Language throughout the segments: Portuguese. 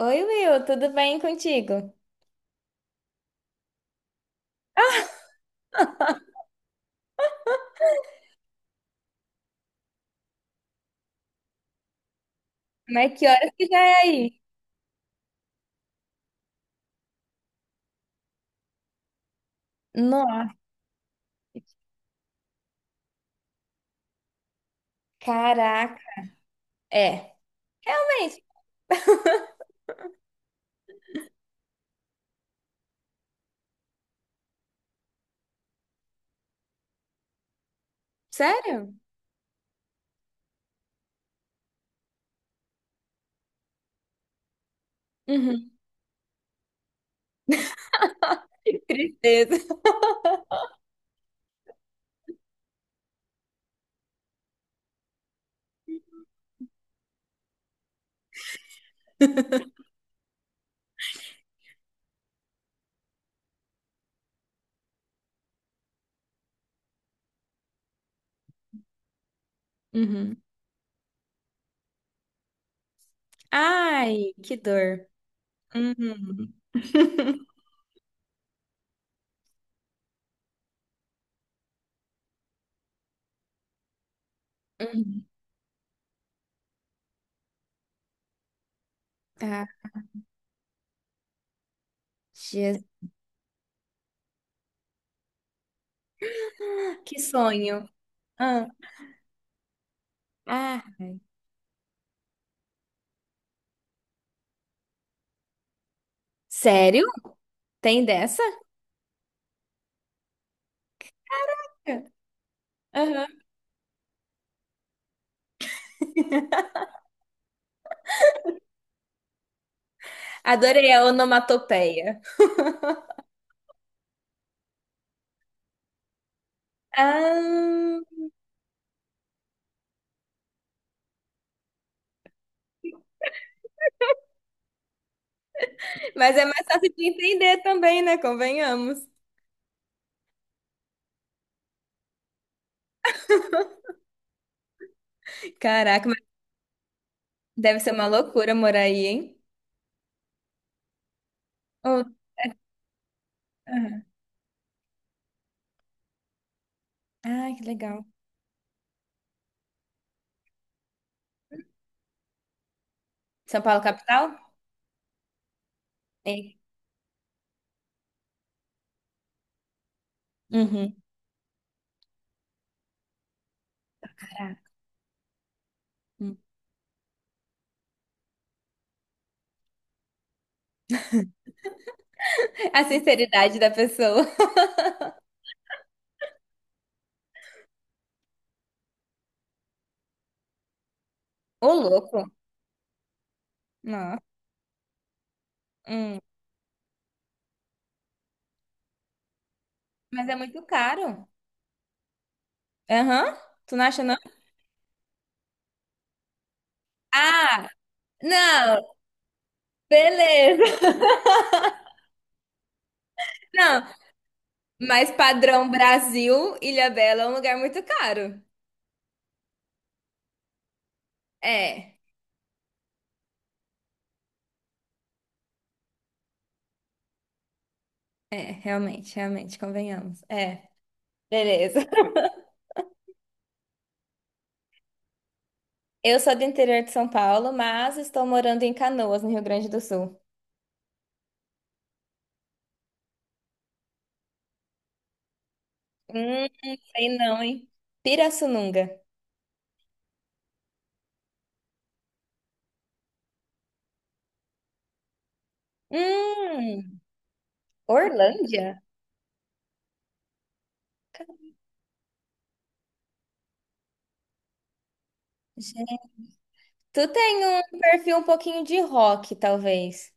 Oi, Will, tudo bem contigo? Mas que horas que já é aí? Nossa, caraca. É, realmente. Sério? Uhum. Que tristeza. Uhum. Ai, que dor. Uhum. Uhum. Ah, Jesus. Que sonho. Ah, ah. Sério? Tem dessa? Aham. Adorei a onomatopeia. Ah, mas é mais fácil de entender também, né? Convenhamos. Caraca, mas deve ser uma loucura morar aí, hein? Oh, aham. Ah, que legal. São Paulo, capital? É. Uhum. Caraca. Hum. A sinceridade da pessoa. Ô, louco. Não. Hum. Mas é muito caro. Aham. Tu não acha, não? Ah, não. Beleza. Não, mas padrão Brasil, Ilhabela é um lugar muito caro. É. É, realmente, realmente, convenhamos. É, beleza. Eu sou do interior de São Paulo, mas estou morando em Canoas, no Rio Grande do Sul. Hum, sei não, hein? Pirassununga. Hum, Orlândia? Gente, tu tem um perfil um pouquinho de rock, talvez.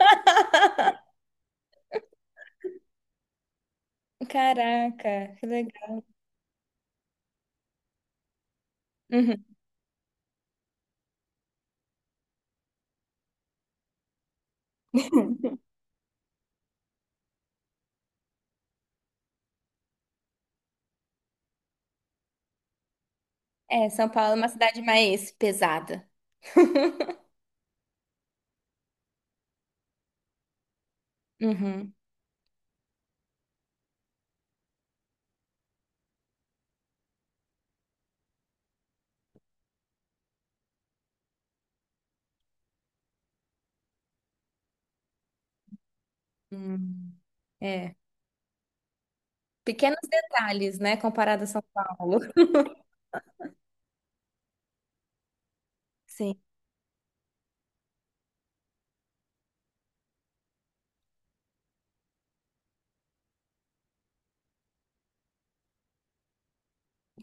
Caraca, que legal. Uhum. É, São Paulo é uma cidade mais pesada. Uhum. Hum. É. Pequenos detalhes, né, comparado a São Paulo. Sim,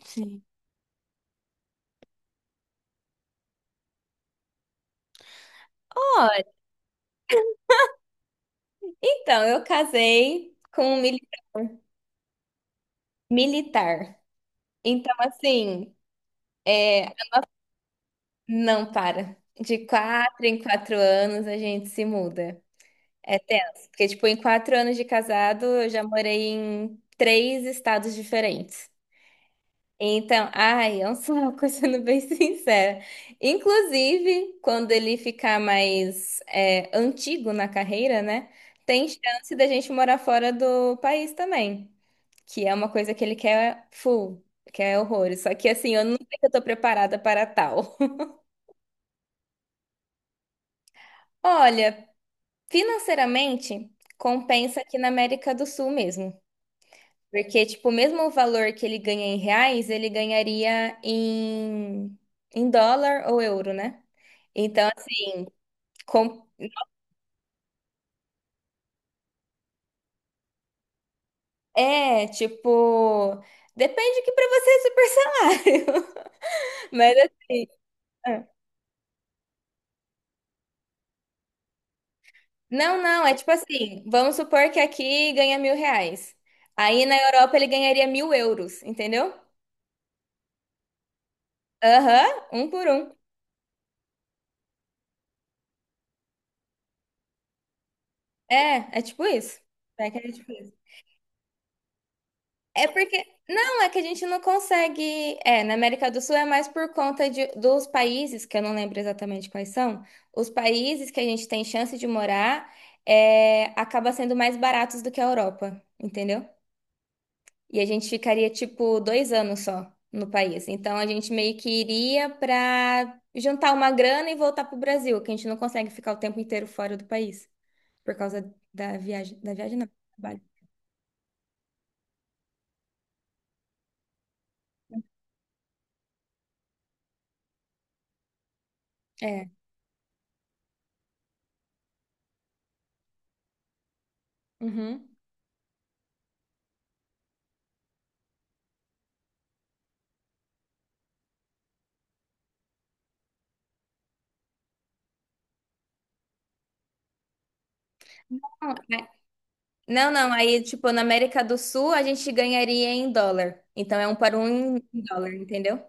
sim. Olha, então, eu casei com um militar. Então, assim, é, não para. De 4 em 4 anos a gente se muda. É tenso. Porque, tipo, em 4 anos de casado, eu já morei em três estados diferentes. Então, ai, é um saco, sendo bem sincera. Inclusive, quando ele ficar mais é, antigo na carreira, né? Tem chance da gente morar fora do país também. Que é uma coisa que ele quer full, quer horrores. Só que assim, eu não sei que eu tô preparada para tal. Olha, financeiramente, compensa aqui na América do Sul mesmo. Porque, tipo, mesmo o valor que ele ganha em reais, ele ganharia em dólar ou euro, né? Então, assim, com- é, tipo, depende que para você é super salário. Mas assim. Ah, não, não, é tipo assim, vamos supor que aqui ganha R$ 1.000. Aí na Europa ele ganharia mil euros, entendeu? Aham, um por um. É, é tipo isso. É que é tipo isso. É porque. Não, é que a gente não consegue. É, na América do Sul é mais por conta dos países, que eu não lembro exatamente quais são, os países que a gente tem chance de morar é, acaba sendo mais baratos do que a Europa, entendeu? E a gente ficaria, tipo, 2 anos só no país. Então a gente meio que iria para juntar uma grana e voltar pro Brasil, que a gente não consegue ficar o tempo inteiro fora do país, por causa da viagem. Da viagem, não. Do trabalho. É. Uhum. Não, não. Aí, tipo, na América do Sul a gente ganharia em dólar. Então é um para um em dólar, entendeu?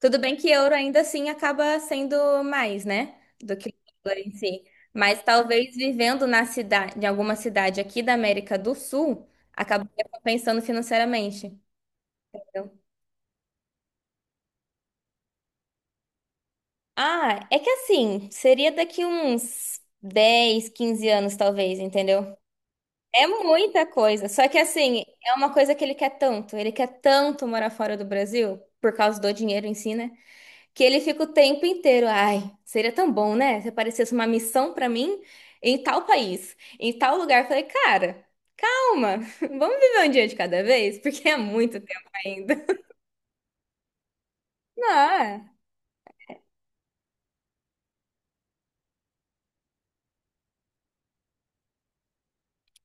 Tudo bem que euro ainda assim acaba sendo mais, né? Do que dólar em si. Mas talvez vivendo na cidade, em alguma cidade aqui da América do Sul, acabaria compensando financeiramente. Entendeu? Ah, é que assim, seria daqui uns 10, 15 anos, talvez, entendeu? É muita coisa. Só que assim, é uma coisa que ele quer tanto. Ele quer tanto morar fora do Brasil, por causa do dinheiro em si, né? Que ele fica o tempo inteiro. Ai, seria tão bom, né? Se aparecesse uma missão pra mim em tal país, em tal lugar. Eu falei, cara, calma, vamos viver um dia de cada vez, porque é muito tempo ainda. Não,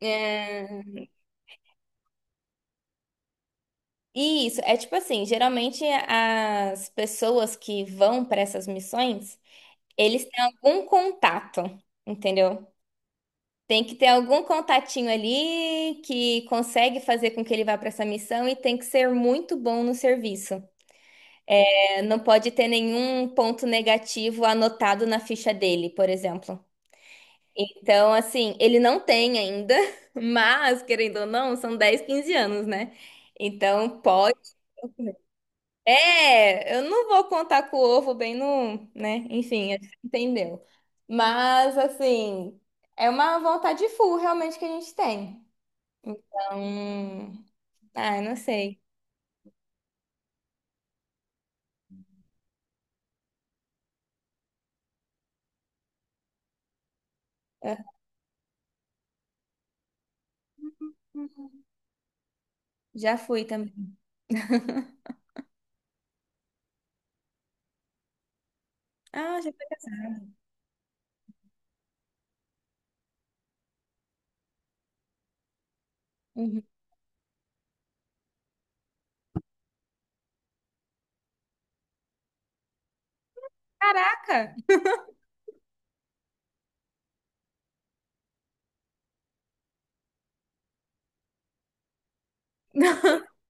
é. Isso, é tipo assim, geralmente as pessoas que vão pra essas missões, eles têm algum contato, entendeu? Tem que ter algum contatinho ali que consegue fazer com que ele vá pra essa missão e tem que ser muito bom no serviço. É, não pode ter nenhum ponto negativo anotado na ficha dele, por exemplo. Então, assim, ele não tem ainda, mas, querendo ou não, são 10, 15 anos, né? Então, pode. É, eu não vou contar com o ovo bem no, né? Enfim, acho que entendeu. Mas, assim, é uma vontade full realmente que a gente tem. Então, ah, eu não sei. Eu já fui também. Ah, já fui. Uhum. Caraca!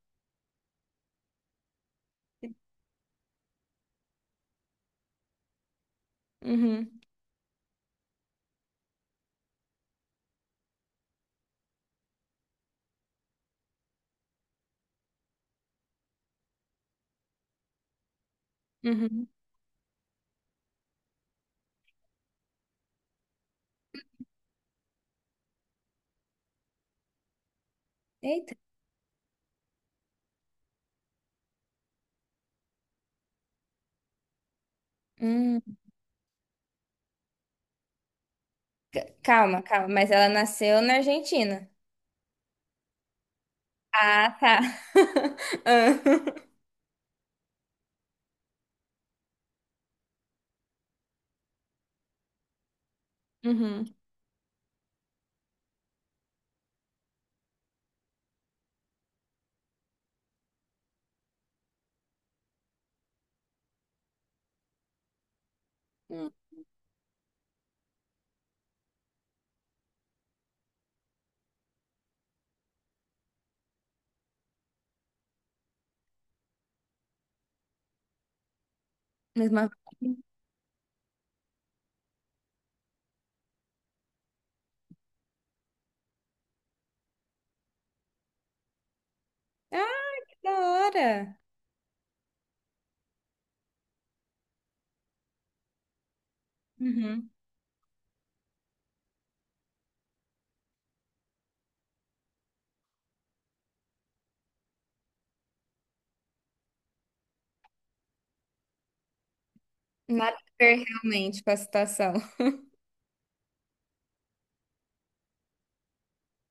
Uhum. Uhum. Eita. Hum. Calma, calma. Mas ela nasceu na Argentina. Ah, tá. Ah. Uhum. Hum, mesma. Ah, da hora. Uhum. Nada a ver realmente com a situação.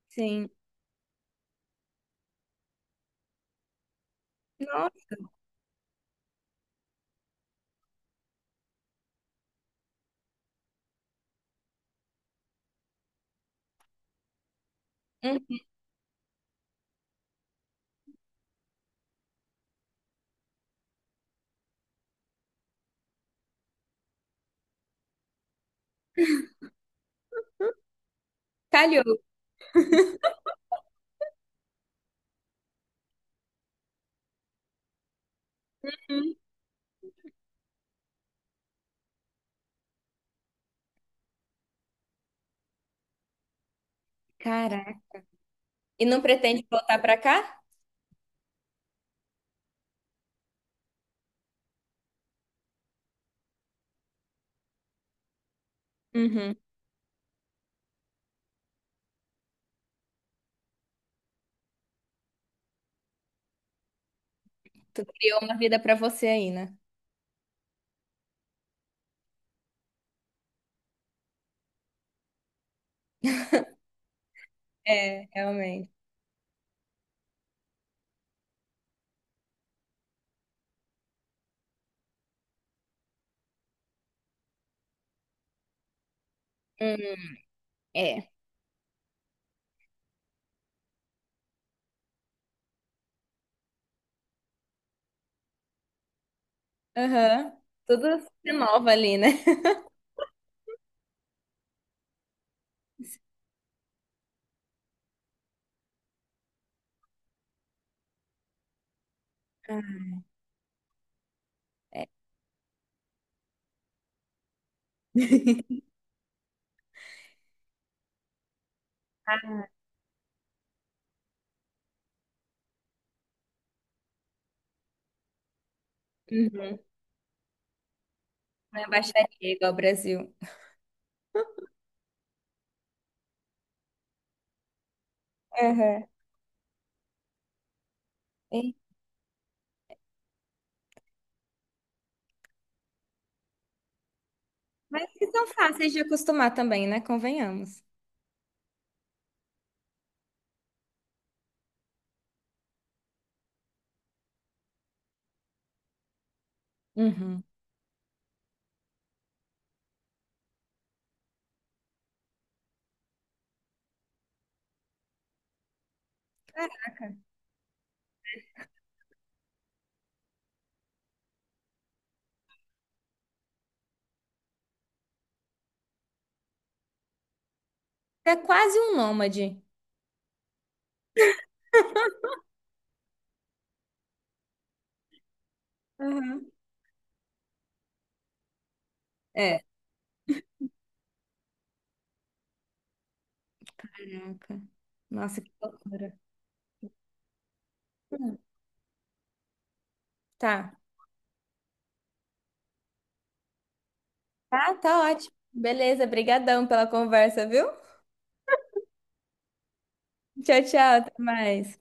Sim. Nossa, hum, calhou. Uhum. Caraca. E não pretende voltar pra cá? Uhum. Tu criou uma vida pra você aí, né? É, realmente. Hum, é. Aham. Tudo se renova ali, né? Ah. É. Uhum. Não é baixaria igual ao Brasil. Aham. E- Mas que são fáceis de acostumar também, né? Convenhamos. Uhum. Cara, é quase um nômade. Uhum. É. Caraca. Nossa, que loucura. Hum, tá. Tá, tá ótimo. Beleza, brigadão pela conversa, viu? Tchau, tchau, até mais.